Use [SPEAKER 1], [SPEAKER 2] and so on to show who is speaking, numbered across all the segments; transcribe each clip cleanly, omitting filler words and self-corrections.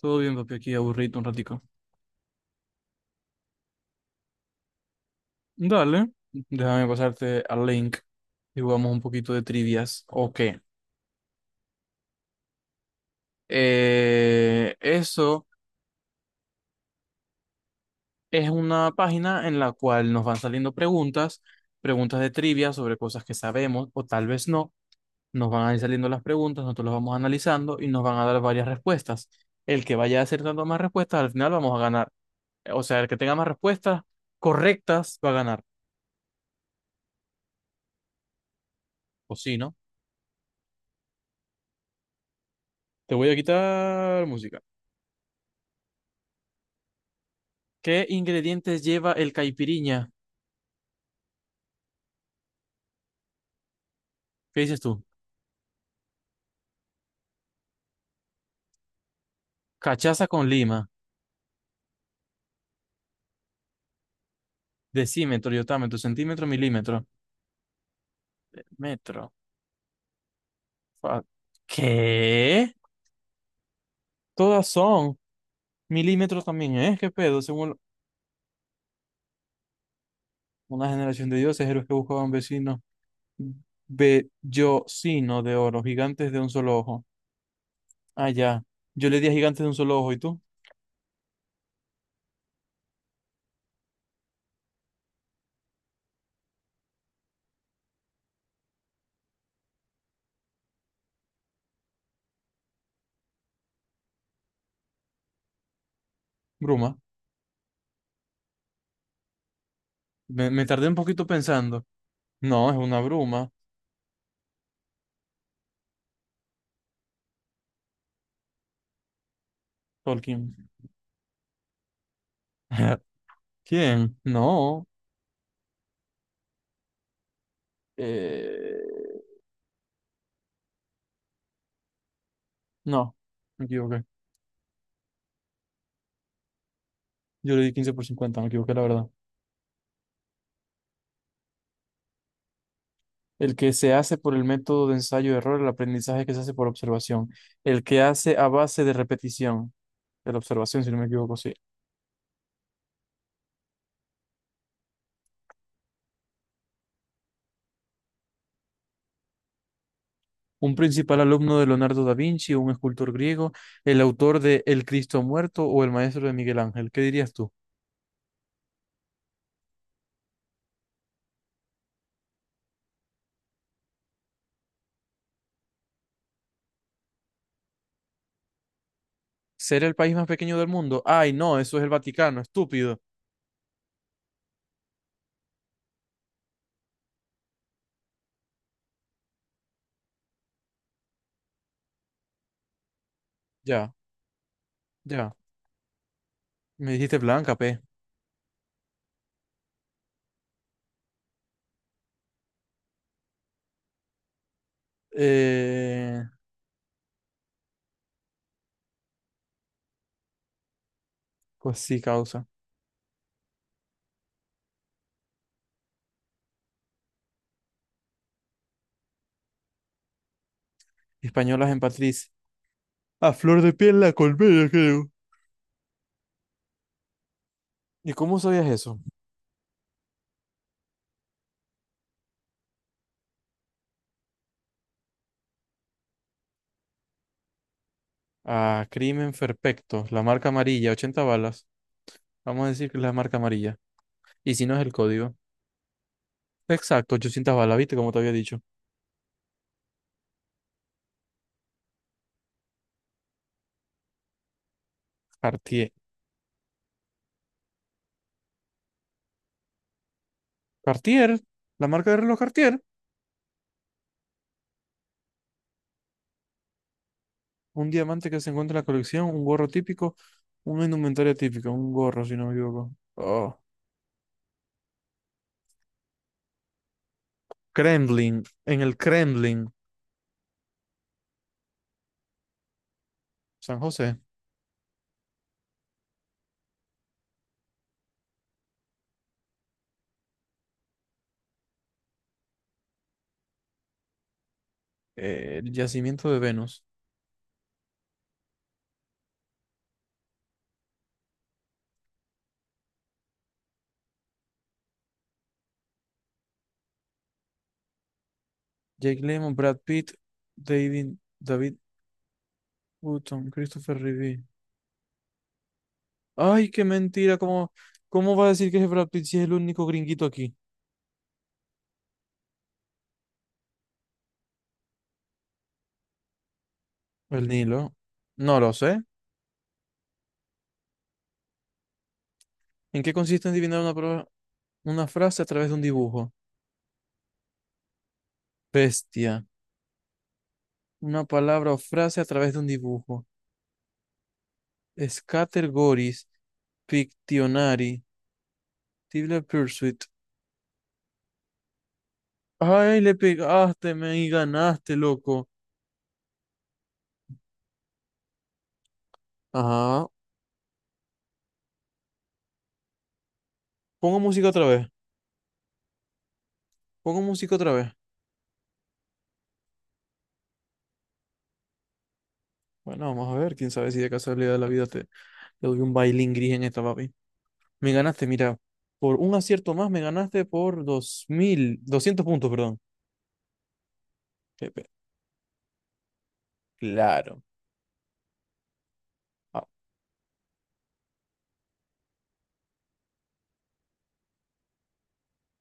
[SPEAKER 1] Todo bien, papi, aquí aburrido un ratico. Dale, déjame pasarte al link y jugamos un poquito de trivias. Ok. Eso es una página en la cual nos van saliendo preguntas, preguntas de trivia sobre cosas que sabemos o tal vez no. Nos van a ir saliendo las preguntas, nosotros las vamos analizando y nos van a dar varias respuestas. El que vaya acertando más respuestas, al final vamos a ganar. O sea, el que tenga más respuestas correctas va a ganar. O sí, ¿no? Te voy a quitar música. ¿Qué ingredientes lleva el caipiriña? ¿Qué dices tú? Cachaza con lima, decímetro, iotámetro, centímetro, milímetro, metro. fa- ¿Qué? Todas son milímetros también, ¿eh? ¿Qué pedo? Según una generación de dioses, héroes que buscaban vecinos, bellocino de oro, gigantes de un solo ojo. Ah, ya. Yo le di a gigantes de un solo ojo, ¿y tú? Bruma. Me tardé un poquito pensando. No, es una bruma, Tolkien. ¿Quién? No. Eh, no, me equivoqué. Yo le di 15 por 50 me equivoqué, la verdad. El que se hace por el método de ensayo-error, el aprendizaje que se hace por observación. El que hace a base de repetición, de la observación, si no me equivoco, sí. Un principal alumno de Leonardo da Vinci, un escultor griego, el autor de El Cristo Muerto o el maestro de Miguel Ángel. ¿Qué dirías tú? ¿Ser el país más pequeño del mundo? Ay, no, eso es el Vaticano, estúpido. Ya, ya. Me dijiste blanca, pe. Eh, pues sí, causa. Españolas en Patriz. A flor de piel la colmena, creo. ¿Y cómo sabías eso? A Crimen Perfecto, la marca amarilla, 80 balas. Vamos a decir que es la marca amarilla. Y si no es el código. Exacto, 800 balas, ¿viste? Como te había dicho. Cartier. Cartier, la marca de reloj Cartier. Un diamante que se encuentra en la colección, un gorro típico, una indumentaria típica, un gorro, si no me equivoco. Oh. Kremlin, en el Kremlin, San José, el yacimiento de Venus. Jake Lemmon, Brad Pitt, David Hutton, Christopher Reeve. Ay, qué mentira. ¿Cómo va a decir que es Brad Pitt si es el único gringuito aquí? El Nilo. No lo sé. ¿En qué consiste adivinar una, una frase a través de un dibujo? Bestia. Una palabra o frase a través de un dibujo. Scattergories, Pictionary. Tibler Pursuit. Ay, le pegaste, me y ganaste, loco. Ajá. Pongo música otra vez. Pongo música otra vez. Bueno, vamos a ver, quién sabe si de casualidad de la vida te doy un bailín gris en esta, papi. Me ganaste, mira, por un acierto más me ganaste por 2.200 puntos, perdón. Qué pe- Claro. Ah,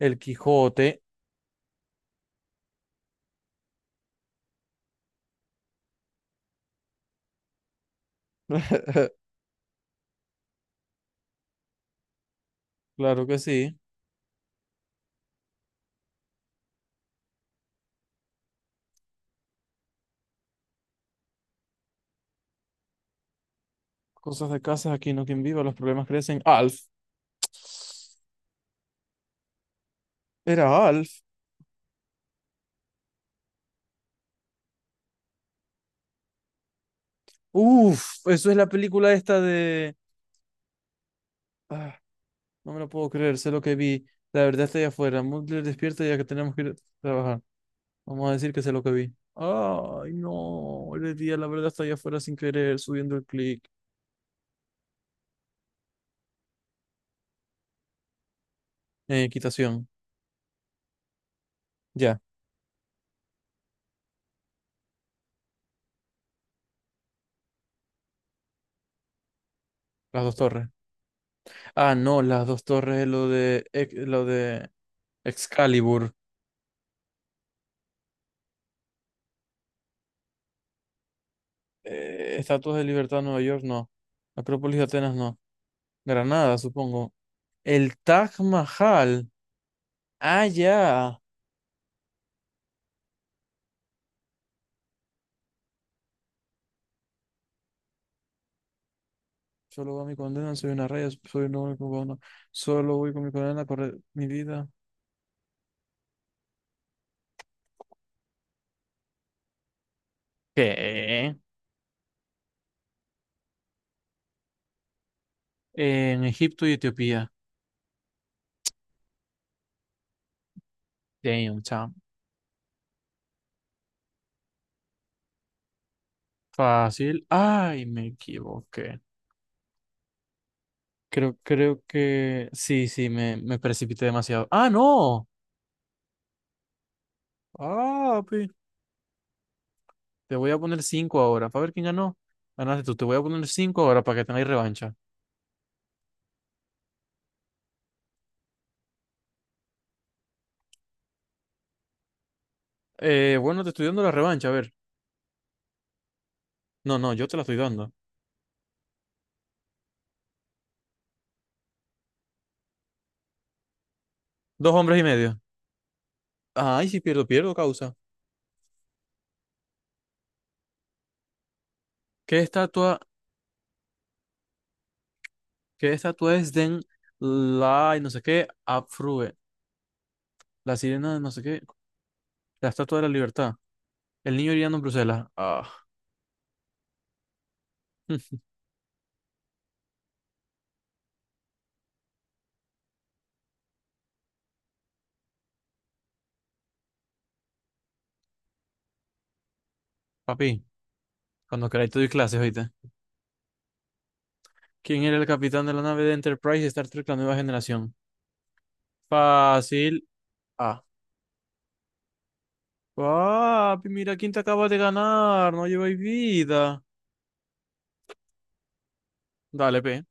[SPEAKER 1] el Quijote, claro que sí. Cosas de casas, aquí no quien viva, los problemas crecen. Alf, era Alf. Uf, eso es la película esta de... Ah, no me lo puedo creer, sé lo que vi. La verdad está allá afuera. Mulder despierta ya que tenemos que ir a trabajar. Vamos a decir que sé lo que vi. Ay, no. Le di a la verdad hasta allá afuera sin querer, subiendo el clic. En equitación. Ya, las dos torres. Ah, no, las dos torres es lo de, lo de Excalibur. Estatuas de Libertad, Nueva York, no. Acrópolis de Atenas, no. Granada, supongo. El Taj Mahal. Ah, ya. Solo va mi condena, soy una raya, soy un hombre cubano. Solo voy con mi condena, correr mi vida. ¿Qué? En Egipto y Etiopía. Damn, chamo. Fácil. Ay, me equivoqué. Creo, creo que sí, sí, me precipité demasiado. ¡Ah, no! ¡Ah, pi! Te voy a poner cinco ahora para ver quién ganó. Ganaste tú. Te voy a poner cinco ahora para que tengáis revancha. Bueno, te estoy dando la revancha, a ver. No, no, yo te la estoy dando. Dos hombres y medio. Ay, si pierdo, pierdo, causa. ¿Qué estatua, qué estatua es Den la y no sé qué? Afrue. La sirena de no sé qué. La estatua de la libertad. El niño hiriendo en Bruselas. Ah, papi. Cuando queráis te doy clases, oíste. ¿Quién era el capitán de la nave de Enterprise de Star Trek, la nueva generación? Fácil. Ah. Papi, mira quién te acaba de ganar. No lleváis vida. Dale, P.